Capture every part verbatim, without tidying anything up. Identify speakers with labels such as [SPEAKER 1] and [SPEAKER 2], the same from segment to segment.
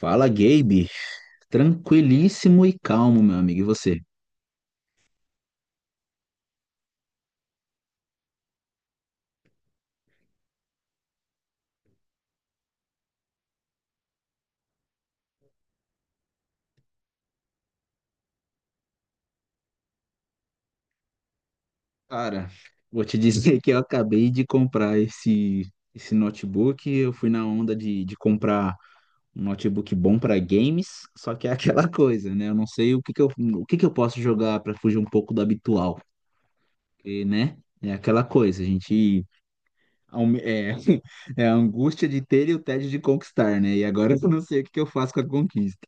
[SPEAKER 1] Fala, Gabe. Tranquilíssimo e calmo, meu amigo. E você? Cara, vou te dizer que eu acabei de comprar esse, esse notebook. Eu fui na onda de, de comprar um notebook bom para games, só que é aquela coisa, né? Eu não sei o que que eu, o que que eu posso jogar para fugir um pouco do habitual, e, né? É aquela coisa, a gente. Aume- É, é a angústia de ter e o tédio de conquistar, né? E agora eu não sei o que que eu faço com a conquista.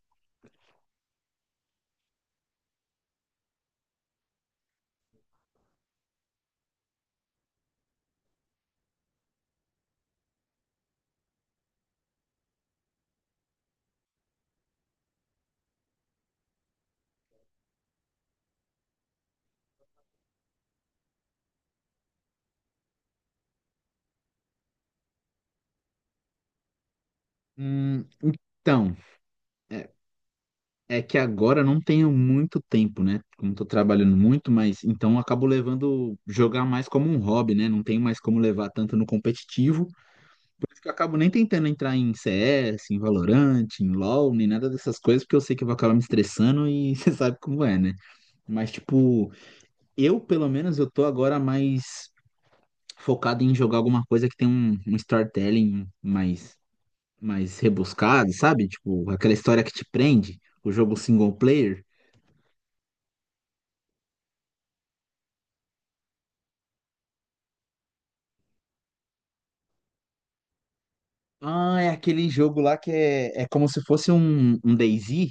[SPEAKER 1] Hum, então. é, É que agora eu não tenho muito tempo, né? Como tô trabalhando muito, mas então eu acabo levando jogar mais como um hobby, né? Não tenho mais como levar tanto no competitivo. Por isso que eu acabo nem tentando entrar em C S, em Valorant, em LoL, nem nada dessas coisas, porque eu sei que eu vou acabar me estressando e você sabe como é, né? Mas tipo, eu pelo menos eu tô agora mais focado em jogar alguma coisa que tem um, um storytelling mais mais rebuscado, sabe? Tipo, aquela história que te prende, o jogo single player. Ah, é aquele jogo lá que é, é como se fosse um, um DayZ?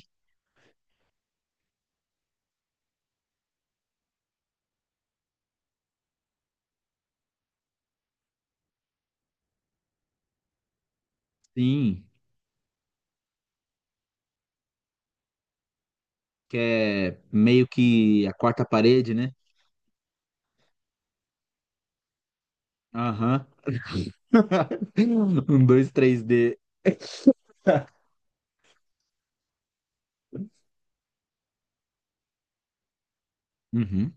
[SPEAKER 1] Sim, que é meio que a quarta parede, né? Aham. Um dois três d. Uhum,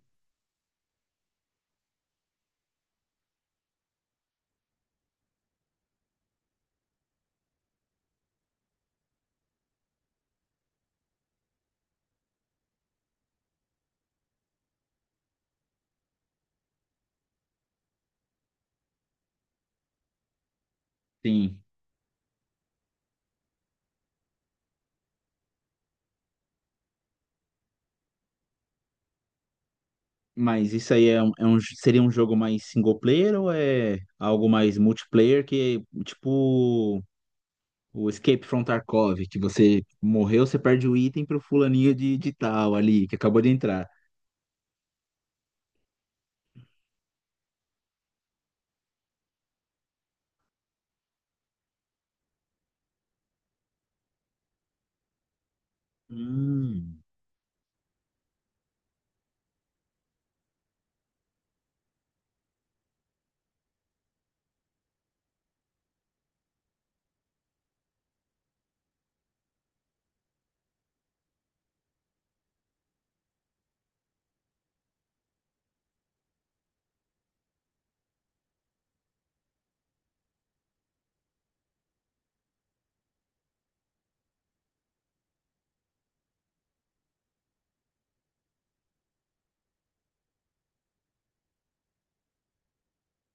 [SPEAKER 1] sim. Mas isso aí é um, é um- seria um jogo mais single player ou é algo mais multiplayer que é tipo o Escape from Tarkov, que você morreu, você perde o item pro fulaninho de, de tal ali, que acabou de entrar. Hum.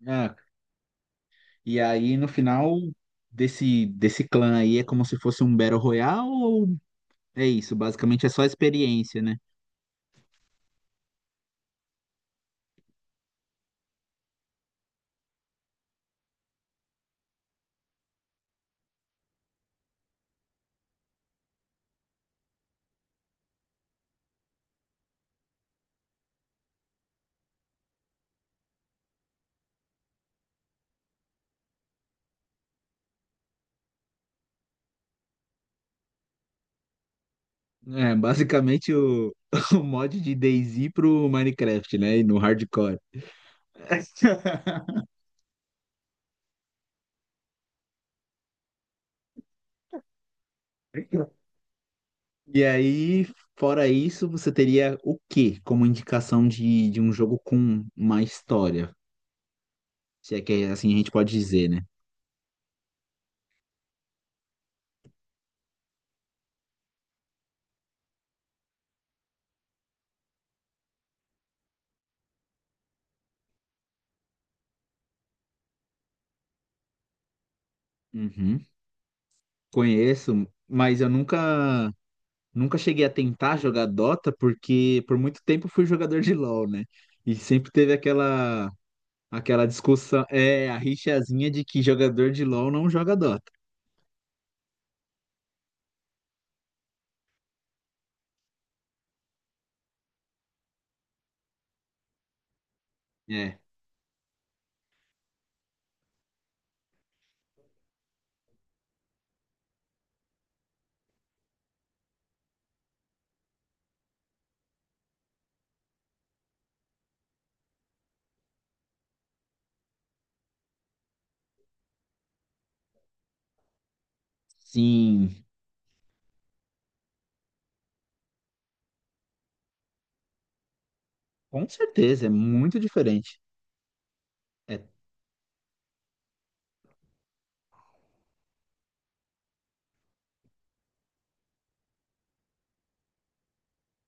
[SPEAKER 1] Ah, e aí, no final desse, desse clã aí, é como se fosse um Battle Royale ou é isso? Basicamente é só experiência, né? É, basicamente o, o mod de DayZ pro Minecraft, né? E no hardcore. E aí, fora isso, você teria o quê como indicação de, de um jogo com uma história? Se é que assim a gente pode dizer, né? Uhum. Conheço, mas eu nunca nunca cheguei a tentar jogar Dota porque por muito tempo fui jogador de LoL, né? E sempre teve aquela aquela discussão, é, a rixazinha de que jogador de LoL não joga Dota. É, sim, com certeza, é muito diferente. É,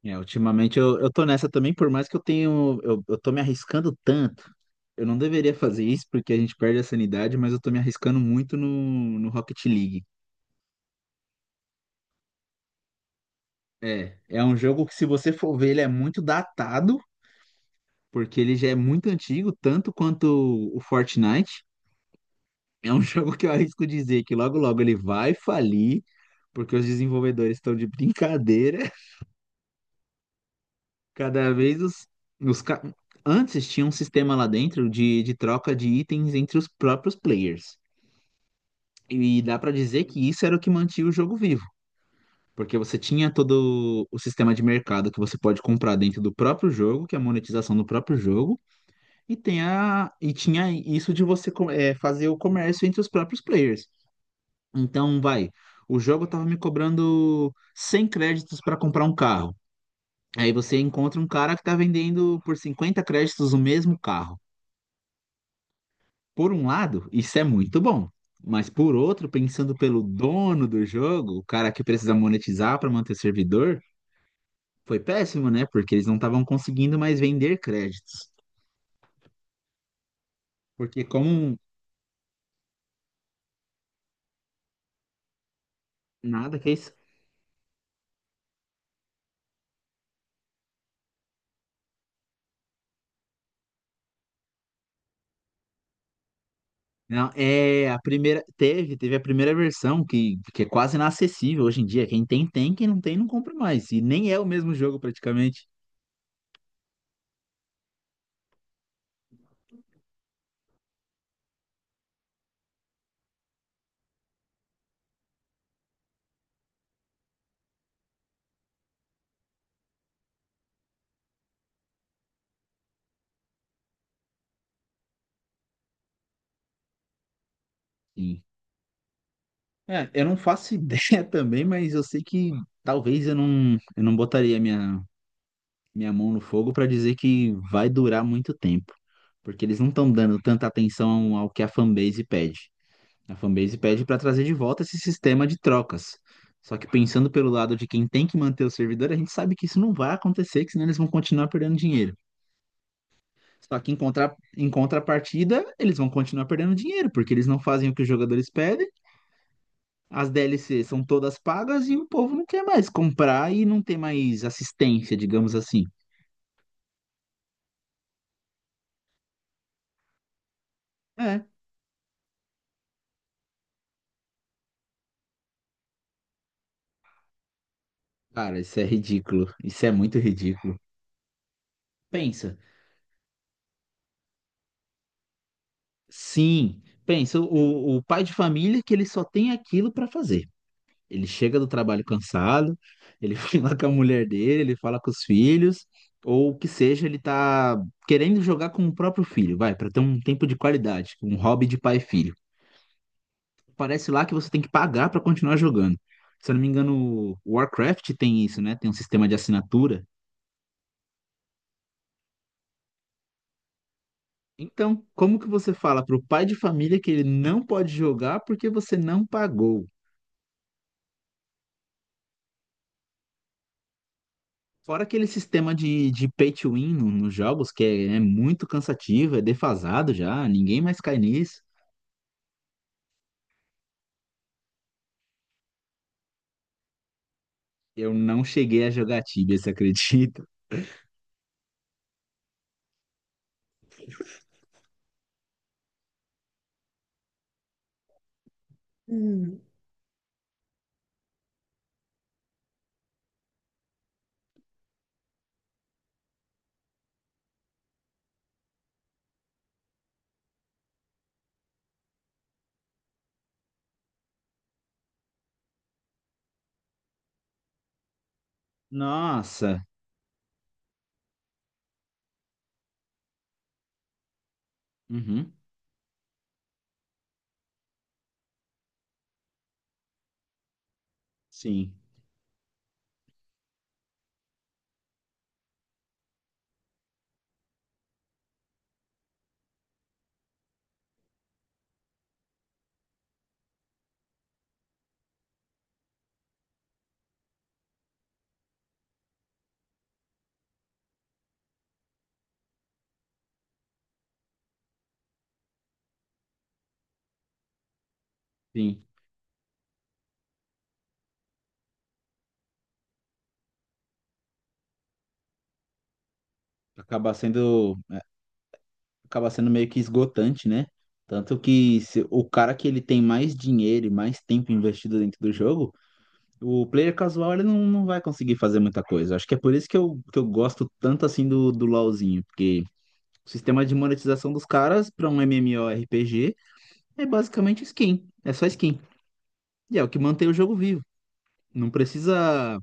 [SPEAKER 1] é, ultimamente eu, eu tô nessa também, por mais que eu tenho, eu, eu tô me arriscando tanto. Eu não deveria fazer isso porque a gente perde a sanidade, mas eu tô me arriscando muito no, no Rocket League. É, é um jogo que se você for ver, ele é muito datado porque ele já é muito antigo, tanto quanto o Fortnite. É um jogo que eu arrisco dizer que logo logo ele vai falir, porque os desenvolvedores estão de brincadeira. Cada vez os, os ca- antes tinha um sistema lá dentro de, de troca de itens entre os próprios players. E dá pra dizer que isso era o que mantinha o jogo vivo. Porque você tinha todo o sistema de mercado que você pode comprar dentro do próprio jogo, que é a monetização do próprio jogo, e tem a, e tinha isso de você co- é, fazer o comércio entre os próprios players. Então, vai, o jogo tava me cobrando cem créditos para comprar um carro. Aí você encontra um cara que tá vendendo por cinquenta créditos o mesmo carro. Por um lado, isso é muito bom. Mas por outro, pensando pelo dono do jogo, o cara que precisa monetizar para manter servidor, foi péssimo, né? Porque eles não estavam conseguindo mais vender créditos. Porque como nada que é. Não, é a primeira. Teve, teve a primeira versão que, que é quase inacessível hoje em dia. Quem tem, tem, quem não tem, não compra mais. E nem é o mesmo jogo praticamente. Sim. É, eu não faço ideia também, mas eu sei que talvez eu não, eu não botaria minha, minha mão no fogo para dizer que vai durar muito tempo. Porque eles não estão dando tanta atenção ao que a fanbase pede. A fanbase pede para trazer de volta esse sistema de trocas. Só que pensando pelo lado de quem tem que manter o servidor, a gente sabe que isso não vai acontecer, que senão eles vão continuar perdendo dinheiro. Só que em contra- em contrapartida, eles vão continuar perdendo dinheiro, porque eles não fazem o que os jogadores pedem, as D L Cs são todas pagas e o povo não quer mais comprar e não tem mais assistência, digamos assim. É, cara, isso é ridículo. Isso é muito ridículo. Pensa. Sim, pensa, o, o pai de família que ele só tem aquilo para fazer. Ele chega do trabalho cansado, ele fala com a mulher dele, ele fala com os filhos, ou o que seja, ele tá querendo jogar com o próprio filho, vai, para ter um tempo de qualidade, um hobby de pai e filho. Parece lá que você tem que pagar para continuar jogando. Se eu não me engano, o Warcraft tem isso, né? Tem um sistema de assinatura. Então, como que você fala pro pai de família que ele não pode jogar porque você não pagou? Fora aquele sistema de, de pay to win no- nos jogos, que é, é muito cansativo, é defasado já, ninguém mais cai nisso. Eu não cheguei a jogar Tibia, você acredita? Hum. Nossa. Uhum. Sim, sim. Acaba sendo, acaba sendo meio que esgotante, né? Tanto que se- o cara que ele tem mais dinheiro e mais tempo investido dentro do jogo, o player casual ele não, não vai conseguir fazer muita coisa. Acho que é por isso que eu, que eu gosto tanto assim do, do LoLzinho, porque o sistema de monetização dos caras para um MMORPG é basicamente skin. É só skin. E é o que mantém o jogo vivo. Não precisa.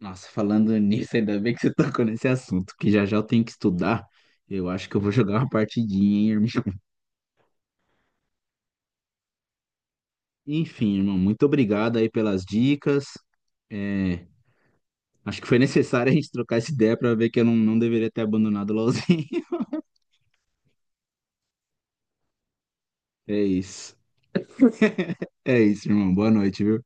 [SPEAKER 1] Nossa, falando nisso, ainda bem que você tocou nesse assunto, que já já eu tenho que estudar. Eu acho que eu vou jogar uma partidinha, hein, irmão? Enfim, irmão, muito obrigado aí pelas dicas. É, acho que foi necessário a gente trocar essa ideia para ver que eu não, não deveria ter abandonado o LoLzinho. É isso. É isso, irmão. Boa noite, viu?